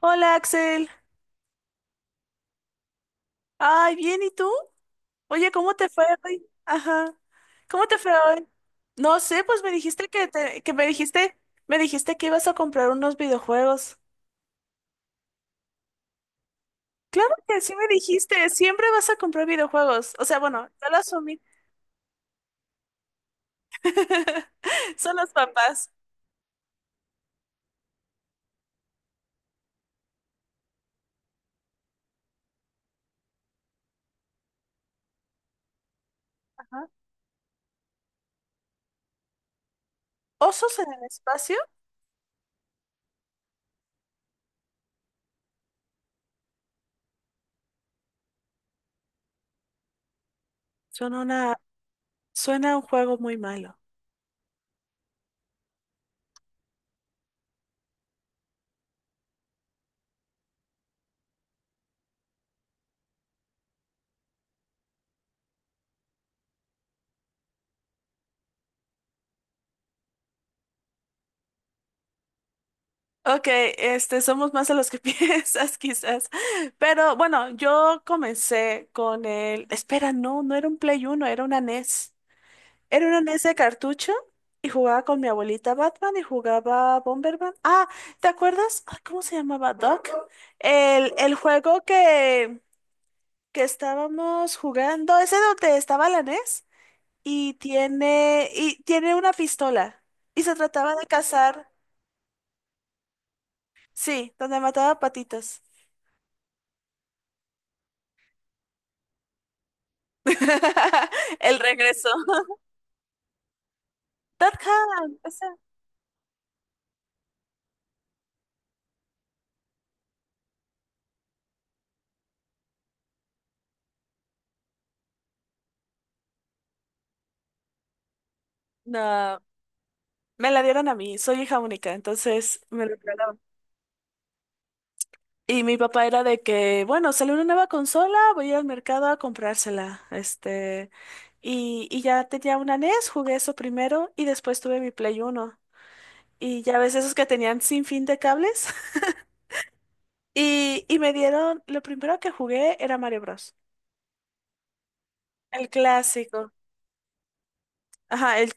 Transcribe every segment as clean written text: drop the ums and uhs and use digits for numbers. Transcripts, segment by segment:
Hola Axel. Ay, bien, ¿y tú? Oye, ¿cómo te fue hoy? Ajá. ¿Cómo te fue hoy? No sé, pues me dijiste me dijiste que ibas a comprar unos videojuegos. Claro que sí me dijiste, siempre vas a comprar videojuegos. O sea, bueno, yo lo asumí. Son los papás. Ajá. ¿Osos en el espacio? Suena una, suena un juego muy malo. Ok, somos más de los que piensas, quizás. Pero bueno, yo comencé con el. Espera, no, no era un Play uno, era una NES. Era una NES de cartucho y jugaba con mi abuelita Batman y jugaba Bomberman. Ah, ¿te acuerdas? Ay, ¿cómo se llamaba? Doc. El juego que estábamos jugando, ese donde estaba la NES y tiene, una pistola y se trataba de cazar, sí, donde mataba patitos. El regreso. Dotcom, esa. No, me la dieron a mí. Soy hija única, entonces me lo regalaron. Y mi papá era de que, bueno, salió una nueva consola, voy al mercado a comprársela. Y ya tenía una NES, jugué eso primero y después tuve mi Play Uno. Y ya ves esos que tenían sin fin de cables. Y me dieron, lo primero que jugué era Mario Bros. El clásico. Ajá, el...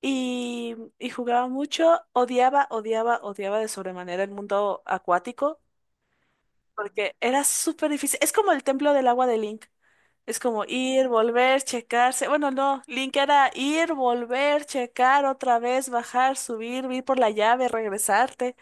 Y jugaba mucho, odiaba, odiaba, odiaba de sobremanera el mundo acuático, porque era súper difícil. Es como el templo del agua de Link. Es como ir, volver, checarse. Bueno, no, Link era ir, volver, checar otra vez, bajar, subir, ir por la llave, regresarte.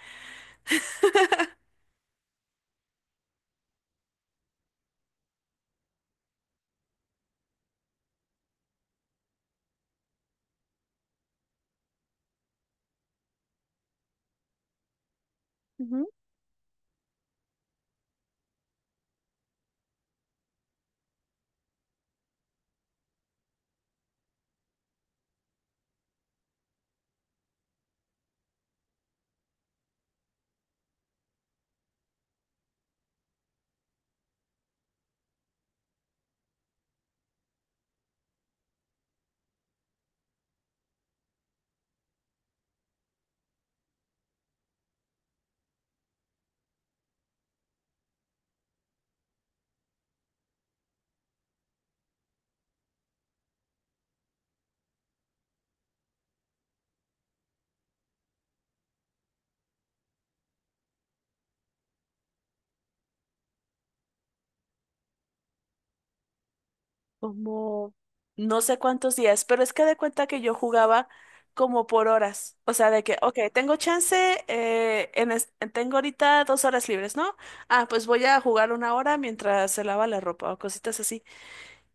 Como no sé cuántos días, pero es que de cuenta que yo jugaba como por horas, o sea, de que, ok, tengo chance, tengo ahorita dos horas libres, ¿no? Ah, pues voy a jugar una hora mientras se lava la ropa o cositas así.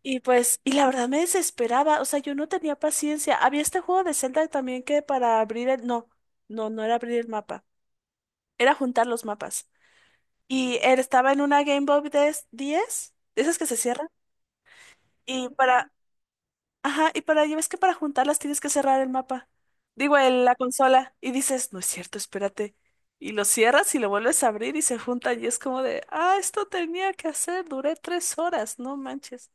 Y pues, y la verdad me desesperaba, o sea, yo no tenía paciencia. Había este juego de Zelda también que para abrir no, no, no era abrir el mapa, era juntar los mapas. Y él estaba en una Game Boy diez de esas que se cierran. Y para, Ajá, ya ves que para juntarlas tienes que cerrar el mapa. Digo, la consola. Y dices, no es cierto, espérate. Y lo cierras y lo vuelves a abrir y se juntan. Y es como de, ah, esto tenía que hacer, duré tres horas, no manches.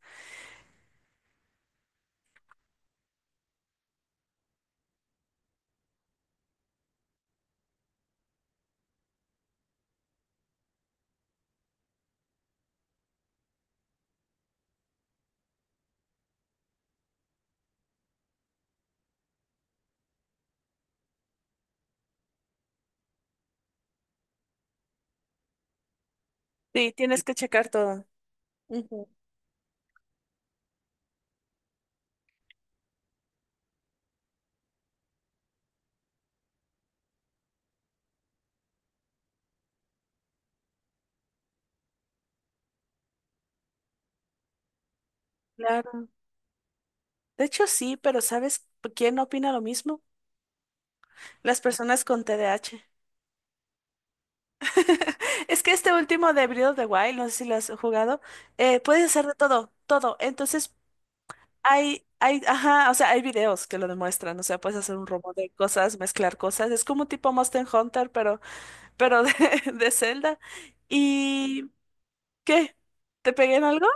Sí, tienes que checar todo. Ujú. Claro. De hecho, sí, pero ¿sabes quién opina lo mismo? Las personas con T D A H. Es que este último de Breath of the Wild, no sé si lo has jugado, puedes hacer de todo, todo. Entonces. Hay, ajá, o sea, hay videos que lo demuestran, o sea, puedes hacer un robot de cosas, mezclar cosas, es como tipo Monster Hunter, pero, pero de, de Zelda. ¿Y qué? ¿Te pegué en algo?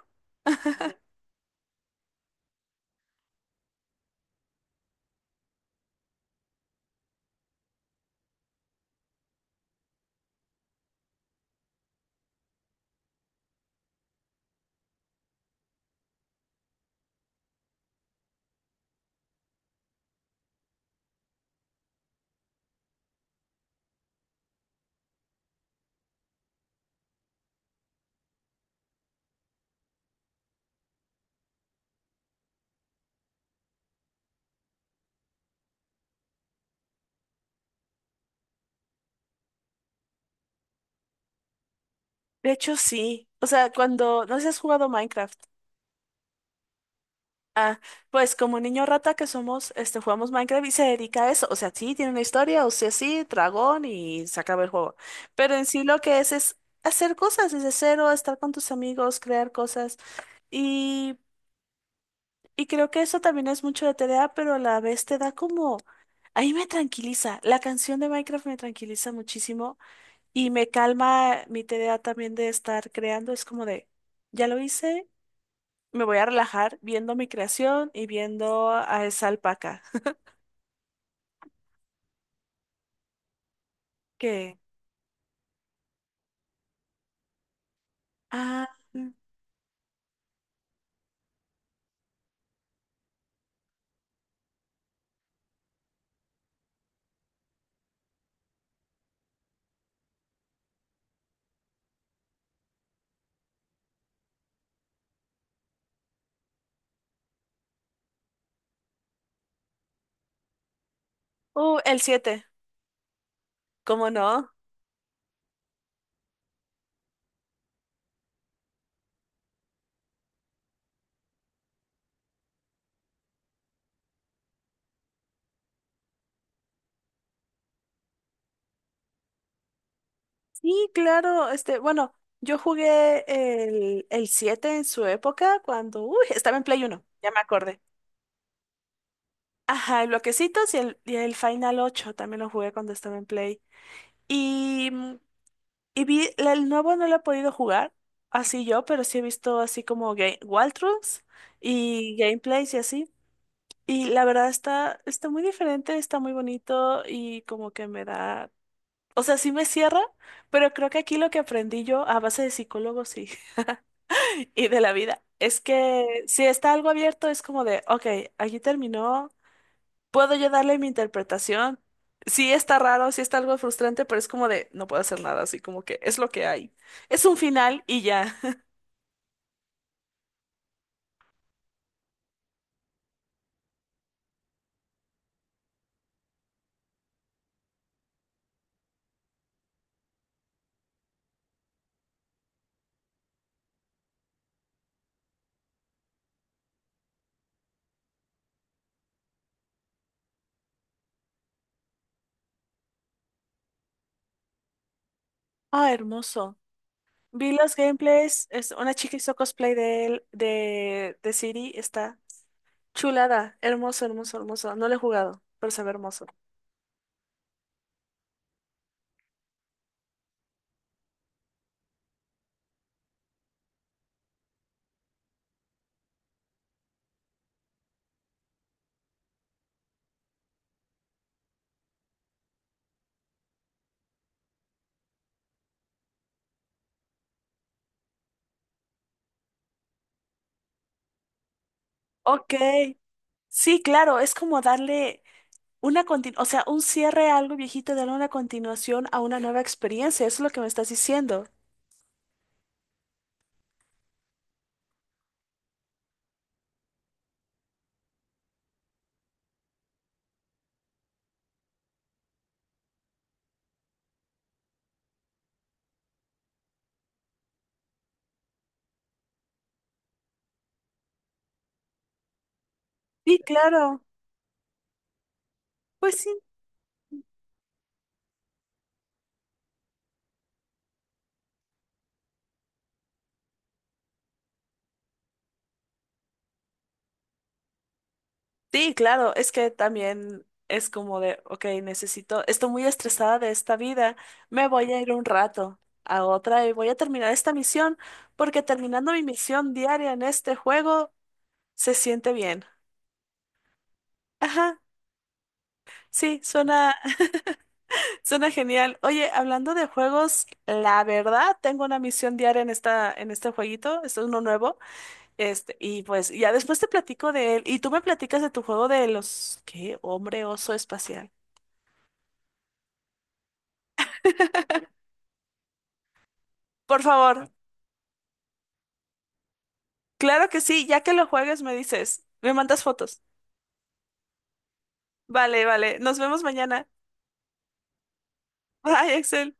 De hecho, sí. O sea, cuando, no sé si has jugado Minecraft. Ah, pues como niño rata que somos, jugamos Minecraft y se dedica a eso. O sea, sí, tiene una historia, o sea, sí, dragón y se acaba el juego. Pero en sí lo que es hacer cosas desde cero, estar con tus amigos, crear cosas. y Y creo que eso también es mucho de TDA, pero a la vez te da como... Ahí me tranquiliza. La canción de Minecraft me tranquiliza muchísimo y me calma mi TDA también de estar creando. Es como de, ya lo hice, me voy a relajar viendo mi creación y viendo a esa alpaca. Que, ah, el siete, ¿cómo no? Sí, claro, bueno, yo jugué el 7 en su época cuando, uy, estaba en Play Uno, ya me acordé. Ajá, el Bloquecitos y el Final ocho también lo jugué cuando estaba en Play. Y, mm, y vi, el nuevo no lo he podido jugar, así yo, pero sí he visto así como game, walkthroughs y gameplays y así. Y la verdad está muy diferente, está muy bonito y como que me da, o sea, sí me cierra, pero creo que aquí lo que aprendí yo a base de psicólogos y, y de la vida es que si está algo abierto es como de, ok, aquí terminó. Puedo yo darle mi interpretación. Sí está raro, sí está algo frustrante, pero es como de, no puedo hacer nada, así como que es lo que hay. Es un final y ya. Ah, hermoso. Vi los gameplays, una chica hizo cosplay de él, de Siri, está chulada, hermoso, hermoso, hermoso. No lo he jugado, pero se ve hermoso. Ok, sí, claro, es como darle una continuación, o sea, un cierre a algo viejito, darle una continuación a una nueva experiencia, eso es lo que me estás diciendo. Sí, claro. Pues sí, sí, claro, es que también es como de, ok, necesito, estoy muy estresada de esta vida, me voy a ir un rato a otra y voy a terminar esta misión, porque terminando mi misión diaria en este juego se siente bien. Ajá, sí, suena, suena genial. Oye, hablando de juegos, la verdad, tengo una misión diaria en este jueguito, este es uno nuevo, y pues ya después te platico de él, y tú me platicas de tu juego de los, ¿qué? Hombre oso espacial. Por favor, claro que sí, ya que lo juegues me dices, me mandas fotos. Vale, vale, nos vemos mañana. Bye, Axel.